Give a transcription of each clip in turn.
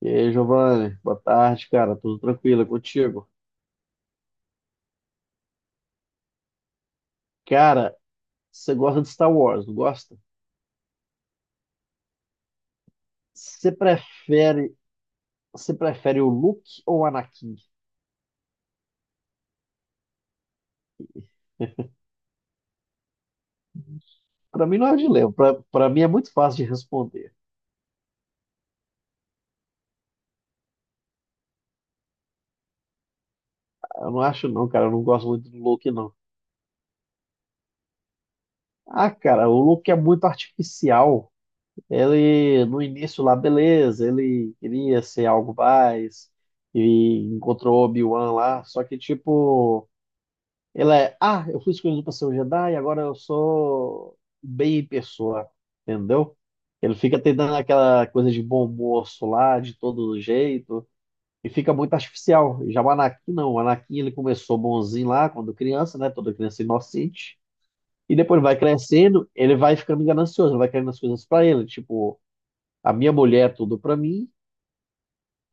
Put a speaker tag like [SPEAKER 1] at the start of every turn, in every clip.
[SPEAKER 1] E aí, Giovanni, boa tarde, cara. Tudo tranquilo é contigo? Cara, você gosta de Star Wars, não gosta? Você prefere, você prefere o Luke ou o Anakin? Pra mim não é dilema. Pra mim é muito fácil de responder. Eu não acho não, cara. Eu não gosto muito do Luke, não. Ah, cara, o Luke é muito artificial. Ele, no início lá, beleza, ele queria ser algo mais e encontrou Obi-Wan lá. Só que, tipo, Ela é, ah, eu fui escolhido para ser um Jedi, agora eu sou bem em pessoa, entendeu? Ele fica tentando aquela coisa de bom moço lá, de todo jeito, e fica muito artificial. Já o Anakin, não. O Anakin, ele começou bonzinho lá, quando criança, né? Toda criança inocente. E depois vai crescendo, ele vai ficando ganancioso, vai querendo as coisas para ele. Tipo, a minha mulher é tudo para mim,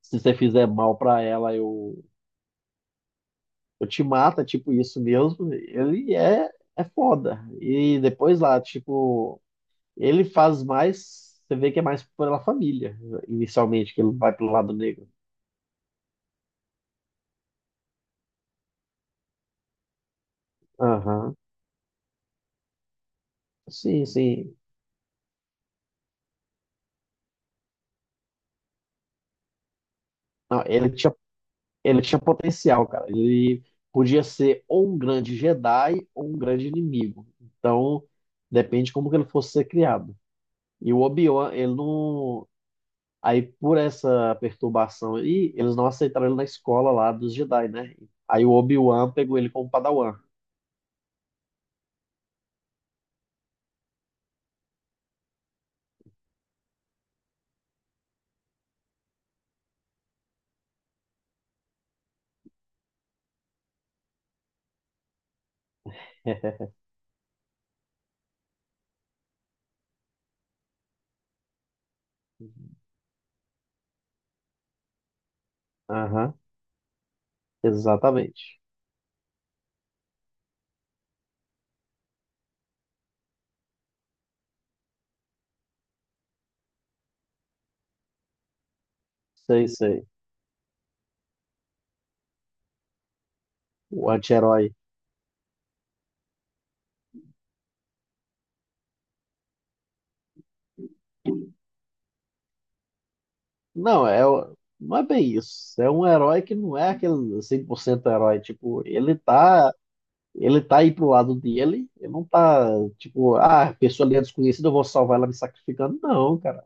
[SPEAKER 1] se você fizer mal para ela, eu te mata, tipo, isso mesmo, ele é foda. E depois lá, tipo, ele faz mais, você vê que é mais pela família, inicialmente, que ele vai pelo lado negro. Aham. Sim, sim. Não, ele tinha potencial, cara. Ele podia ser ou um grande Jedi ou um grande inimigo. Então, depende como que ele fosse ser criado. E o Obi-Wan, ele não. Aí, por essa perturbação aí, eles não aceitaram ele na escola lá dos Jedi, né? Aí o Obi-Wan pegou ele como Padawan. Aham, exatamente. Sei, sei. O anti-herói. Não, não é bem isso. É um herói que não é aquele 100% herói. Tipo, ele tá aí pro lado dele. Ele não tá, tipo, ah, a pessoa ali é desconhecida, eu vou salvar ela me sacrificando. Não, cara.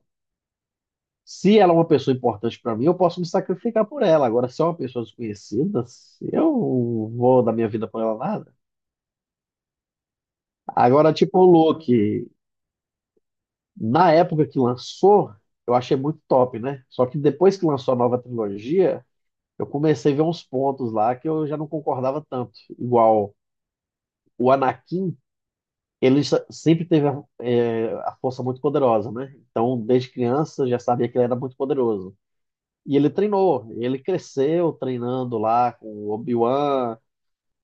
[SPEAKER 1] Se ela é uma pessoa importante para mim, eu posso me sacrificar por ela. Agora, se é uma pessoa desconhecida, eu vou dar minha vida por ela nada. Agora, tipo, o Loki, na época que lançou, eu achei muito top, né? Só que depois que lançou a nova trilogia, eu comecei a ver uns pontos lá que eu já não concordava tanto. Igual o Anakin, ele sempre teve a força muito poderosa, né? Então, desde criança, eu já sabia que ele era muito poderoso. E ele treinou, ele cresceu treinando lá com o Obi-Wan,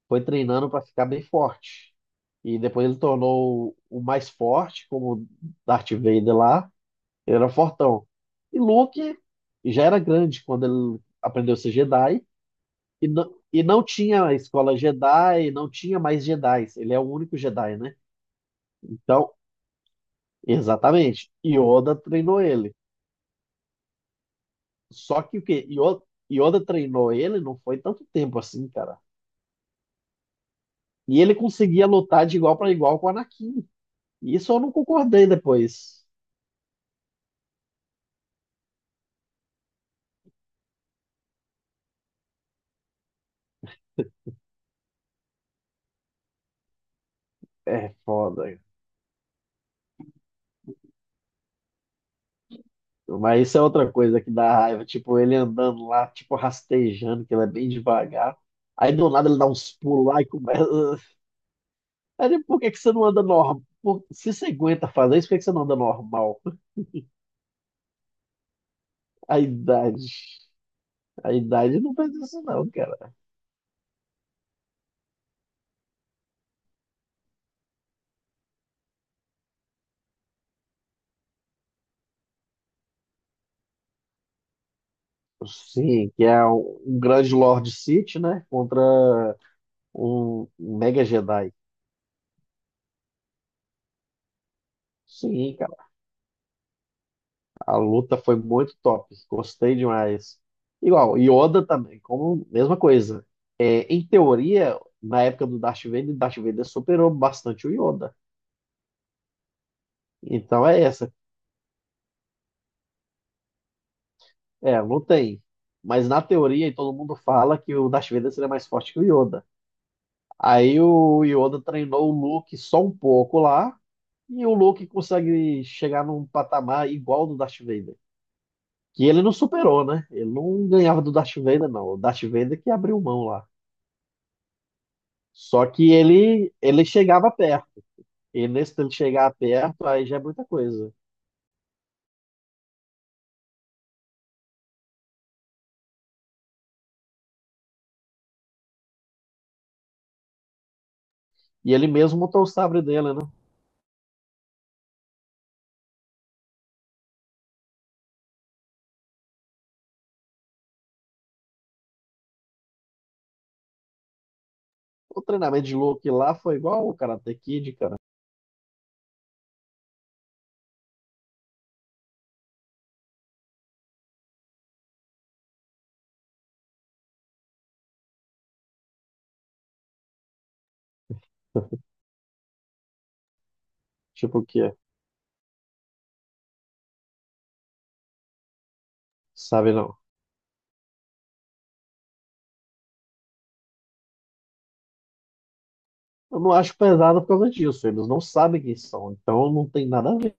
[SPEAKER 1] foi treinando para ficar bem forte. E depois ele tornou o mais forte, como Darth Vader lá, ele era fortão. E Luke já era grande quando ele aprendeu a ser Jedi, e não tinha a escola Jedi, não tinha mais Jedi, ele é o único Jedi, né? Então, exatamente, Yoda treinou ele. Só que o quê? Yoda treinou ele não foi tanto tempo assim, cara. E ele conseguia lutar de igual para igual com o Anakin. E isso eu não concordei depois. É foda. Mas isso é outra coisa que dá raiva. Tipo, ele andando lá, tipo, rastejando, que ele é bem devagar. Aí do nada ele dá uns pulos lá e começa. Aí ele, por que que você não anda normal? Se você aguenta fazer isso, por que que você não anda normal? A idade. A idade não faz isso, não, cara. Sim, que é um grande Lord City, né? Contra um Mega Jedi. Sim, a luta foi muito top. Gostei demais. Igual, Yoda também, como mesma coisa. É, em teoria, na época do Darth Vader, Darth Vader superou bastante o Yoda. Então é essa. É, não tem. Mas na teoria, e todo mundo fala que o Darth Vader seria mais forte que o Yoda. Aí o Yoda treinou o Luke só um pouco lá, e o Luke consegue chegar num patamar igual ao do Darth Vader. Que ele não superou, né? Ele não ganhava do Darth Vader, não. O Darth Vader que abriu mão lá. Só que ele chegava perto. E nesse ele chegar perto, aí já é muita coisa. E ele mesmo montou o sabre dele, né? O treinamento de Luke lá foi igual o Karate Kid, cara. Tipo o quê? Sabe não. Eu não acho pesado por causa disso. Eles não sabem quem são. Então não tem nada a ver.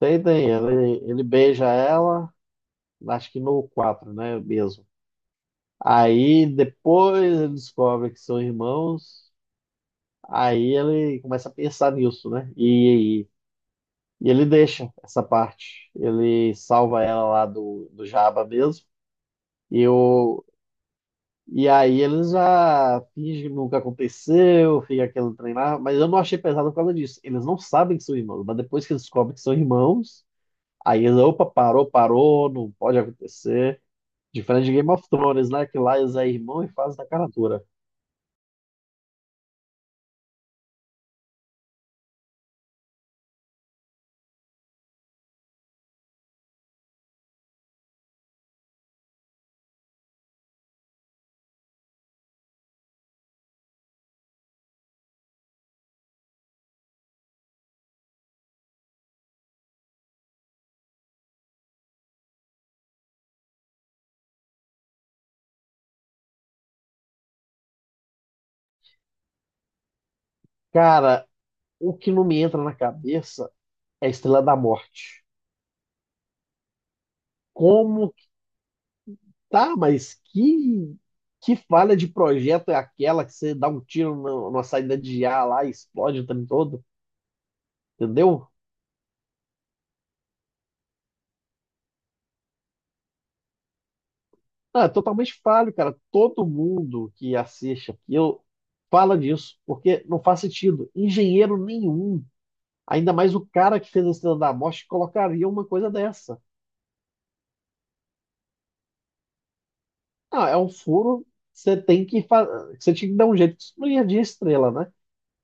[SPEAKER 1] Tem, tem. Ele beija ela, acho que no quatro, né? Mesmo. Aí depois ele descobre que são irmãos. Aí ele começa a pensar nisso, né? E ele deixa essa parte. Ele salva ela lá do Jabba mesmo. E, o, e aí eles já fingem que nunca aconteceu, fica aquele trem lá. Mas eu não achei pesado por causa disso. Eles não sabem que são irmãos, mas depois que eles descobrem que são irmãos, aí eles, opa, parou, parou, não pode acontecer. Diferente de Game of Thrones, né? Que lá eles é irmão e faz da cara dura. Cara, o que não me entra na cabeça é a Estrela da Morte. Como Tá, mas que falha de projeto é aquela que você dá um tiro na saída de ar lá e explode o trem todo? Entendeu? Ah, é totalmente falho, cara. Todo mundo que assiste aquilo fala disso, porque não faz sentido. Engenheiro nenhum, ainda mais o cara que fez a Estrela da Morte, colocaria uma coisa dessa. Ah, é um furo, você tem que fa... você tinha que dar um jeito, que isso não ia de estrela, né?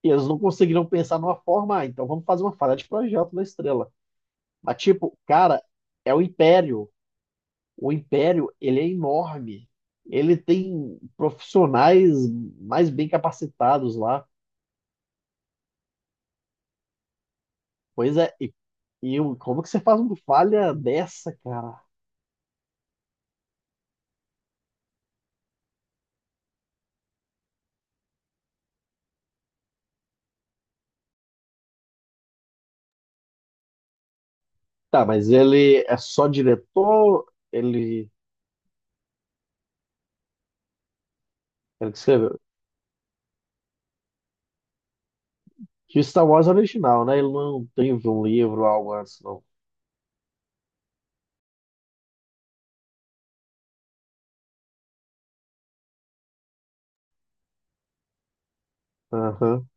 [SPEAKER 1] E eles não conseguiram pensar numa forma, ah, então vamos fazer uma falha de projeto da estrela. Mas, tipo, cara, é o Império. O Império, ele é enorme. Ele tem profissionais mais bem capacitados lá. Pois é, como que você faz uma falha dessa, cara? Tá, mas ele é só diretor? Ele, ele que escreveu. Que o Star Wars é original, né? Ele não tem um livro algo antes, não. Aham,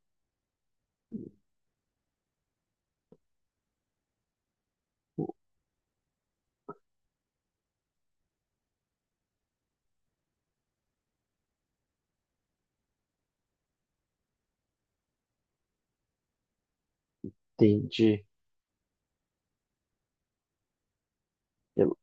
[SPEAKER 1] entendi. Ele-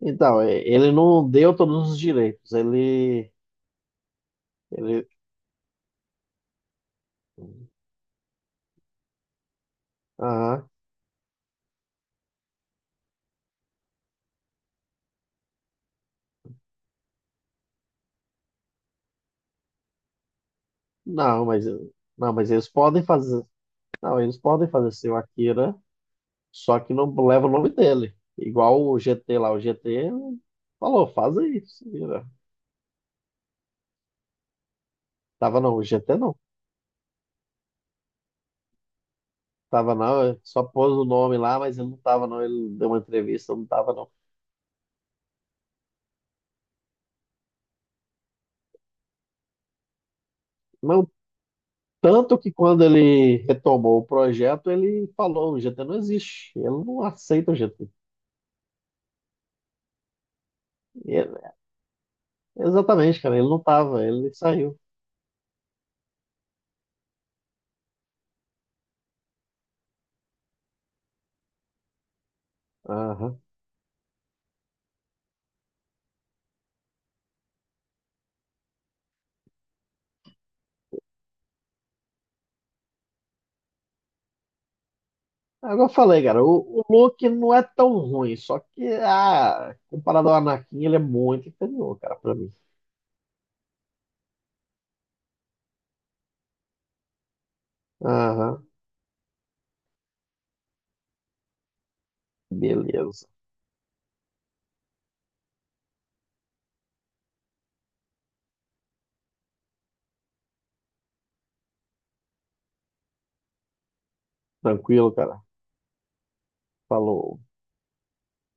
[SPEAKER 1] então, é, ele não deu todos os direitos. Ele, aham. Não, mas não, mas eles podem fazer. Não, eles podem fazer seu Akira, só que não leva o nome dele. Igual o GT lá, o GT falou, faz aí, se vira. Tava não, o GT não. Tava não, é, só pôs o nome lá, mas ele não tava não, ele deu uma entrevista, não tava não. Não, tanto que quando ele retomou o projeto, ele falou, o GT não existe, ele não aceita o GT. E exatamente, cara, ele não tava, ele saiu. Aham. Agora eu falei, cara, o Luke não é tão ruim, só que ah, comparado ao Anakin, ele é muito inferior, cara, pra mim. Aham, beleza. Tranquilo, cara. Falou.